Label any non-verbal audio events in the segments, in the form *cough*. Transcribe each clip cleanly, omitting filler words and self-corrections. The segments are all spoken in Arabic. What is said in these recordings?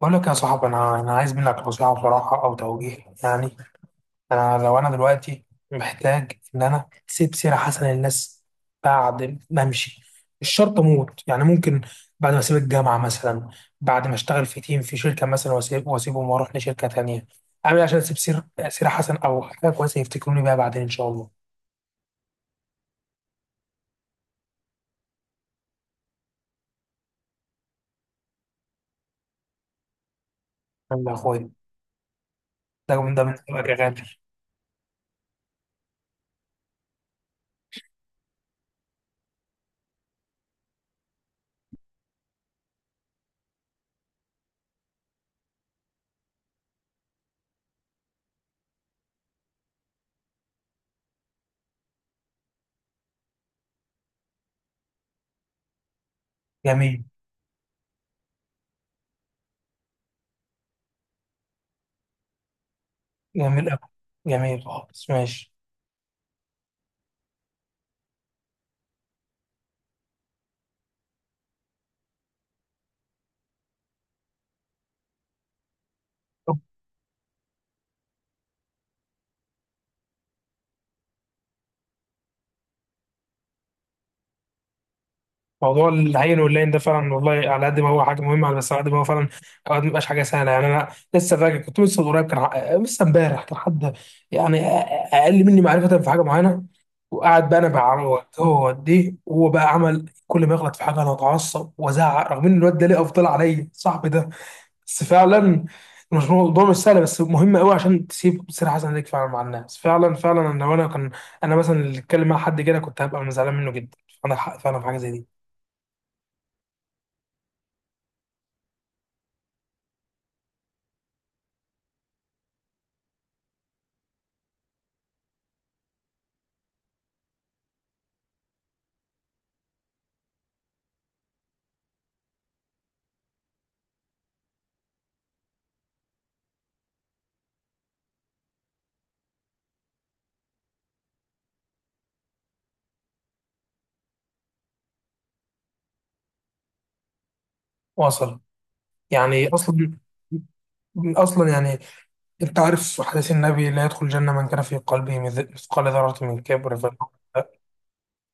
بقول لك يا صاحبي، انا عايز منك نصيحه بصراحه او توجيه. يعني انا لو انا دلوقتي محتاج ان انا اسيب سيره حسنه للناس بعد ما امشي، مش شرط اموت، يعني ممكن بعد ما اسيب الجامعه مثلا، بعد ما اشتغل في تيم في شركه مثلا واسيبهم واروح لشركه تانية. اعمل إيه عشان اسيب سيره حسنه او حاجه كويسه يفتكروني بيها بعدين ان شاء الله؟ يلا يا اخويا، ده من رأيك يا غالي. جميل. جميل أوي. جميل خالص، ماشي. موضوع العين واللين ده فعلا والله، على قد ما هو حاجه مهمه، على بس على قد ما هو فعلا اوقات ما بيبقاش حاجه سهله. يعني انا لسه فاكر، كنت لسه من قريب كان لسه امبارح كان حد، يعني اقل مني معرفه في حاجه معينه، وقعد بقى انا بعرض، هو دي هو بقى عمل، كل ما يغلط في حاجه انا اتعصب وازعق، رغم ان الواد ده ليه افضل عليا، صاحبي ده. بس فعلا مش سهل، بس مهم قوي عشان تسيب سيره حسنه ليك فعلا مع الناس. فعلا فعلا انا، وانا كان انا مثلا اللي اتكلم مع حد كده كنت هبقى زعلان منه جدا. عندك حق فعلا في حاجه زي دي. واصل. يعني اصلا، اصلا يعني انت عارف حديث النبي: لا يدخل الجنه من كان في قلبه مثقال ذره من كبر.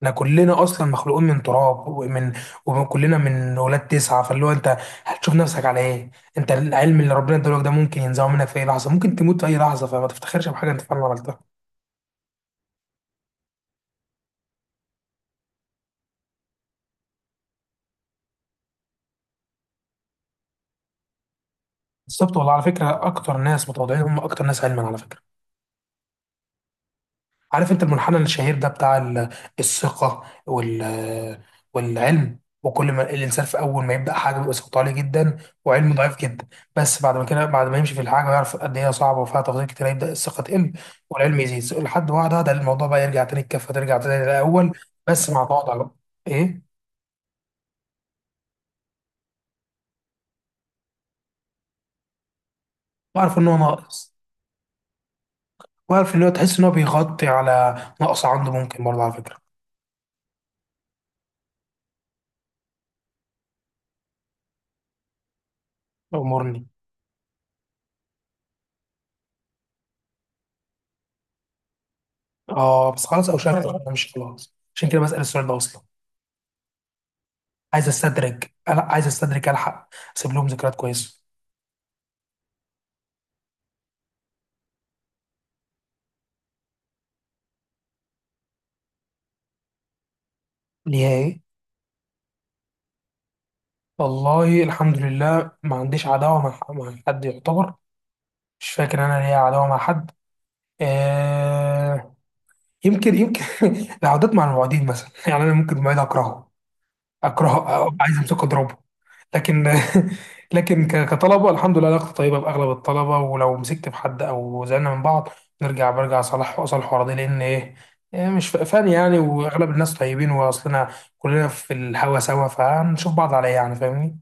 احنا كلنا اصلا مخلوقين من تراب ومن، وكلنا من ولاد تسعه، فاللي هو انت هتشوف نفسك على ايه؟ انت العلم اللي ربنا ادالك ده ممكن ينزعه منك في اي لحظه، ممكن تموت في اي لحظه، فما تفتخرش بحاجه انت فعلا عملتها. بالظبط. والله على فكره اكتر ناس متواضعين هم اكتر ناس علما، على فكره. عارف انت المنحنى الشهير ده بتاع الثقة والعلم؟ وكل ما الانسان في اول ما يبدا حاجه بيبقى ثقته عاليه جدا وعلمه ضعيف جدا. بس بعد ما كده، بعد ما يمشي في الحاجه ويعرف قد ايه هي صعبه وفيها تفاصيل كتير، يبدا الثقه تقل والعلم يزيد، لحد واحده ده الموضوع بقى يرجع تاني، الكفه ترجع تاني للاول، بس مع تواضع بقى. ايه. وعارف ان هو ناقص، وعارف ان هو، تحس ان هو بيغطي على نقص عنده ممكن برضه على فكره. امورني. اه بس خلاص، او شكل انا مش خلاص، عشان كده بسال السؤال ده اصلا. عايز استدرج، انا عايز استدرج الحق، اسيب لهم ذكريات كويسه. ليها ايه؟ والله الحمد لله ما عنديش عداوه مع حد يعتبر. مش فاكر انا ليا عداوه مع حد. آه، يمكن، يمكن *laughs* العودات مع المواعيدين مثلا *laughs* يعني انا ممكن المواعيد اكرهه، اكره أبقى عايز امسكه اضربه. لكن *laughs* لكن كطلبه الحمد لله علاقتي طيبه باغلب الطلبه، ولو مسكت في حد او زعلنا من بعض نرجع برجع، صالح واصالح ورا دي، لان ايه، إيه، مش فاني يعني. واغلب الناس طيبين واصلنا كلنا في الهوا سوا، فهنشوف بعض عليه يعني، فاهمني.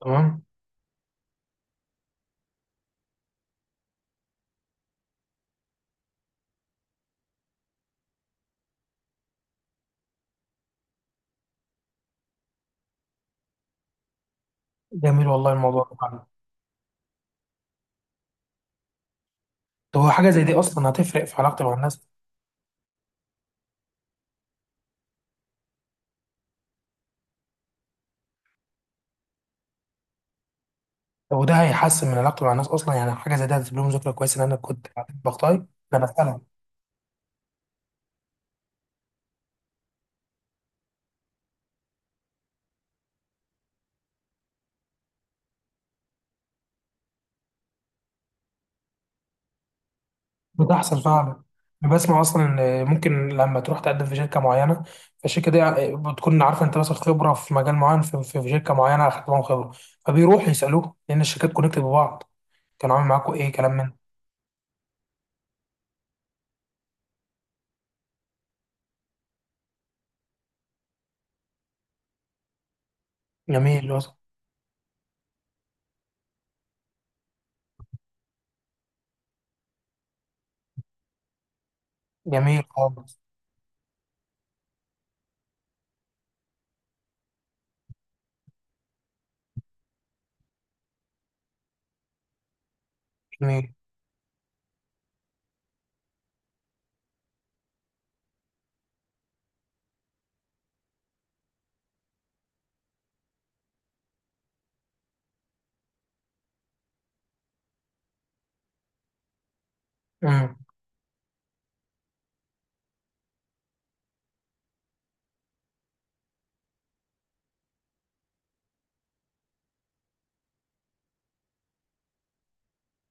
تمام. جميل والله الموضوع ده فعلا. طب هو حاجه زي دي اصلا هتفرق في علاقتي مع الناس؟ طب وده هيحسن من علاقتي مع الناس اصلا؟ يعني حاجه زي دي هتسيب لهم ذكرى كويسه ان انا كنت بعترف بخطاي؟ انا بسالك. بتحصل فعلا، انا بسمع اصلا ان ممكن لما تروح تقدم في شركه معينه، فالشركه دي بتكون عارفه انت مثلا خبره في مجال معين في شركه معينه اخدت معاهم خبره، فبيروحوا يسالوه، لان الشركات كونكتد ببعض، كان عامل معاكم ايه، كلام من. جميل، وصل. جميل خالص. جميل. امم.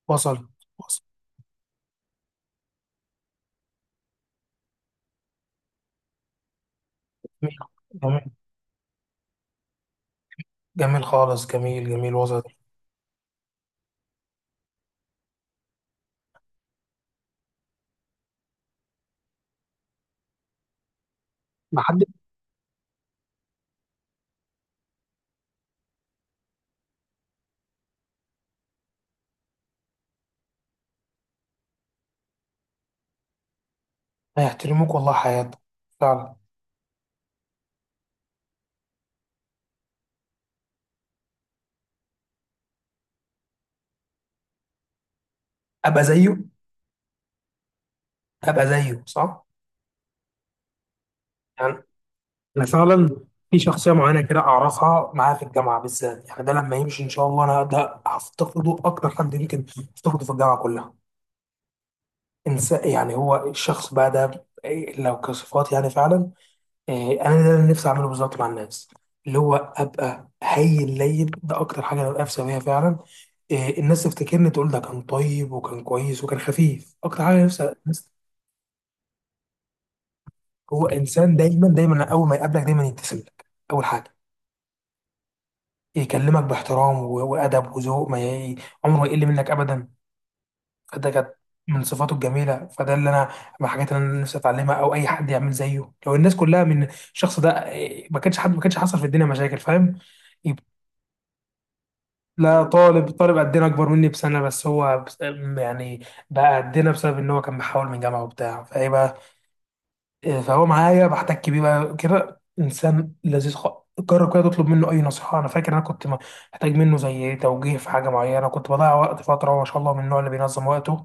وصل. وصل. جميل. جميل. جميل خالص، جميل، جميل، وصل. ما حد. هيحترموك والله حياتك، فعلا. ابقى زيه. ابقى زيه، صح. يعني انا فعلا في شخصيه معينه كده اعرفها، معاها في الجامعه بالذات. يعني ده لما يمشي ان شاء الله انا ده هفتقده اكتر حد، يمكن افتقده في الجامعه كلها. انسان، يعني هو الشخص بقى ده إيه، لو كصفات يعني فعلا، إيه، انا ده اللي نفسي اعمله بالظبط مع الناس، اللي هو ابقى هاي اللين ده اكتر حاجه انا نفسي بيها فعلا. إيه، الناس تفتكرني، تقول ده كان طيب وكان كويس وكان خفيف، اكتر حاجه نفسي الناس. هو انسان دايما اول ما يقابلك دايما يبتسم لك، اول حاجه. يكلمك باحترام وادب وذوق، ما ي... عمره يقل منك ابدا. فده كانت من صفاته الجميله، فده اللي انا من الحاجات اللي انا نفسي اتعلمها، او اي حد يعمل زيه. لو الناس كلها من الشخص ده إيه، ما كانش حد، ما كانش حصل في الدنيا مشاكل، فاهم. يب- لا، طالب، طالب قدنا، اكبر مني بسنه بس، هو يعني بقى قدنا بسبب ان هو كان محاول من جامعه وبتاع، فايه بقى. إيه، فهو معايا بحتك بيه بقى، كده انسان لذيذ خالص. جرب كده تطلب منه اي نصيحه. انا فاكر انا كنت محتاج منه زي توجيه في حاجه معينه، كنت بضيع وقت فتره، وما شاء الله من النوع اللي بينظم وقته،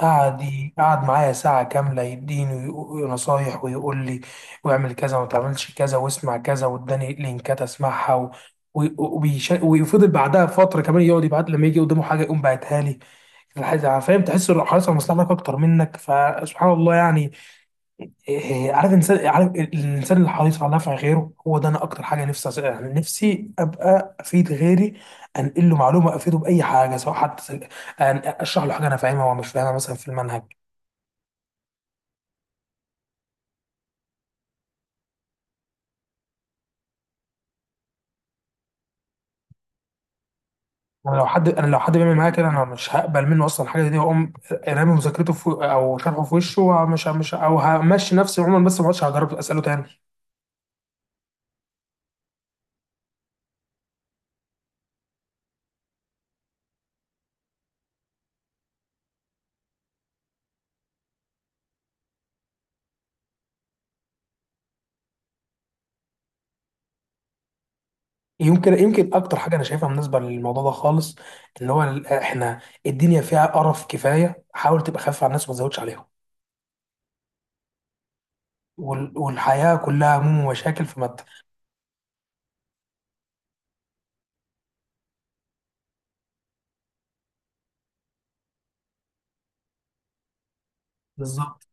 قعد قعد معايا ساعه كامله يديني نصايح ويقول لي واعمل كذا وما تعملش كذا واسمع كذا، واداني لينكات اسمعها و... ويفضل بعدها فتره كمان يقعد يبعت، لما يجي قدامه حاجه يقوم باعتها لي. فاهم، تحس انه حريص على مصلحتك اكتر منك، فسبحان الله يعني. إيه، عارف الانسان، عارف الانسان اللي حريص على نفع غيره، هو ده انا اكتر حاجه نفسي يعني نفسي ابقى افيد غيري، انقل له معلومه، افيده باي حاجه سواء حتى اشرح له حاجه انا فاهمها ومش فاهمها مثلا في المنهج. انا لو حد بيعمل معايا كده انا مش هقبل منه اصلا الحاجه دي، واقوم رامي مذاكرته في، او شرحه في وشه، ومش مش او همشي نفسي عموما، بس ما عادش هجرب اساله تاني. يمكن، يمكن اكتر حاجه انا شايفها مناسبه للموضوع ده خالص، اللي هو احنا الدنيا فيها قرف كفايه، حاول تبقى خفيف على الناس وما تزودش عليهم. والحياة كلها هموم ومشاكل في مت. بالظبط.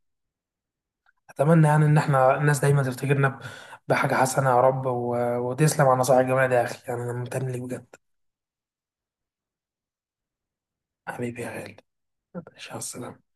أتمنى يعني إن إحنا الناس دايما تفتكرنا بحاجة حسنة يا رب، و... وتسلم على النصائح الجميلة دي يا أخي، يعني أنا ممتن ليك بجد. حبيبي يا غالي. ماشي، على السلامة.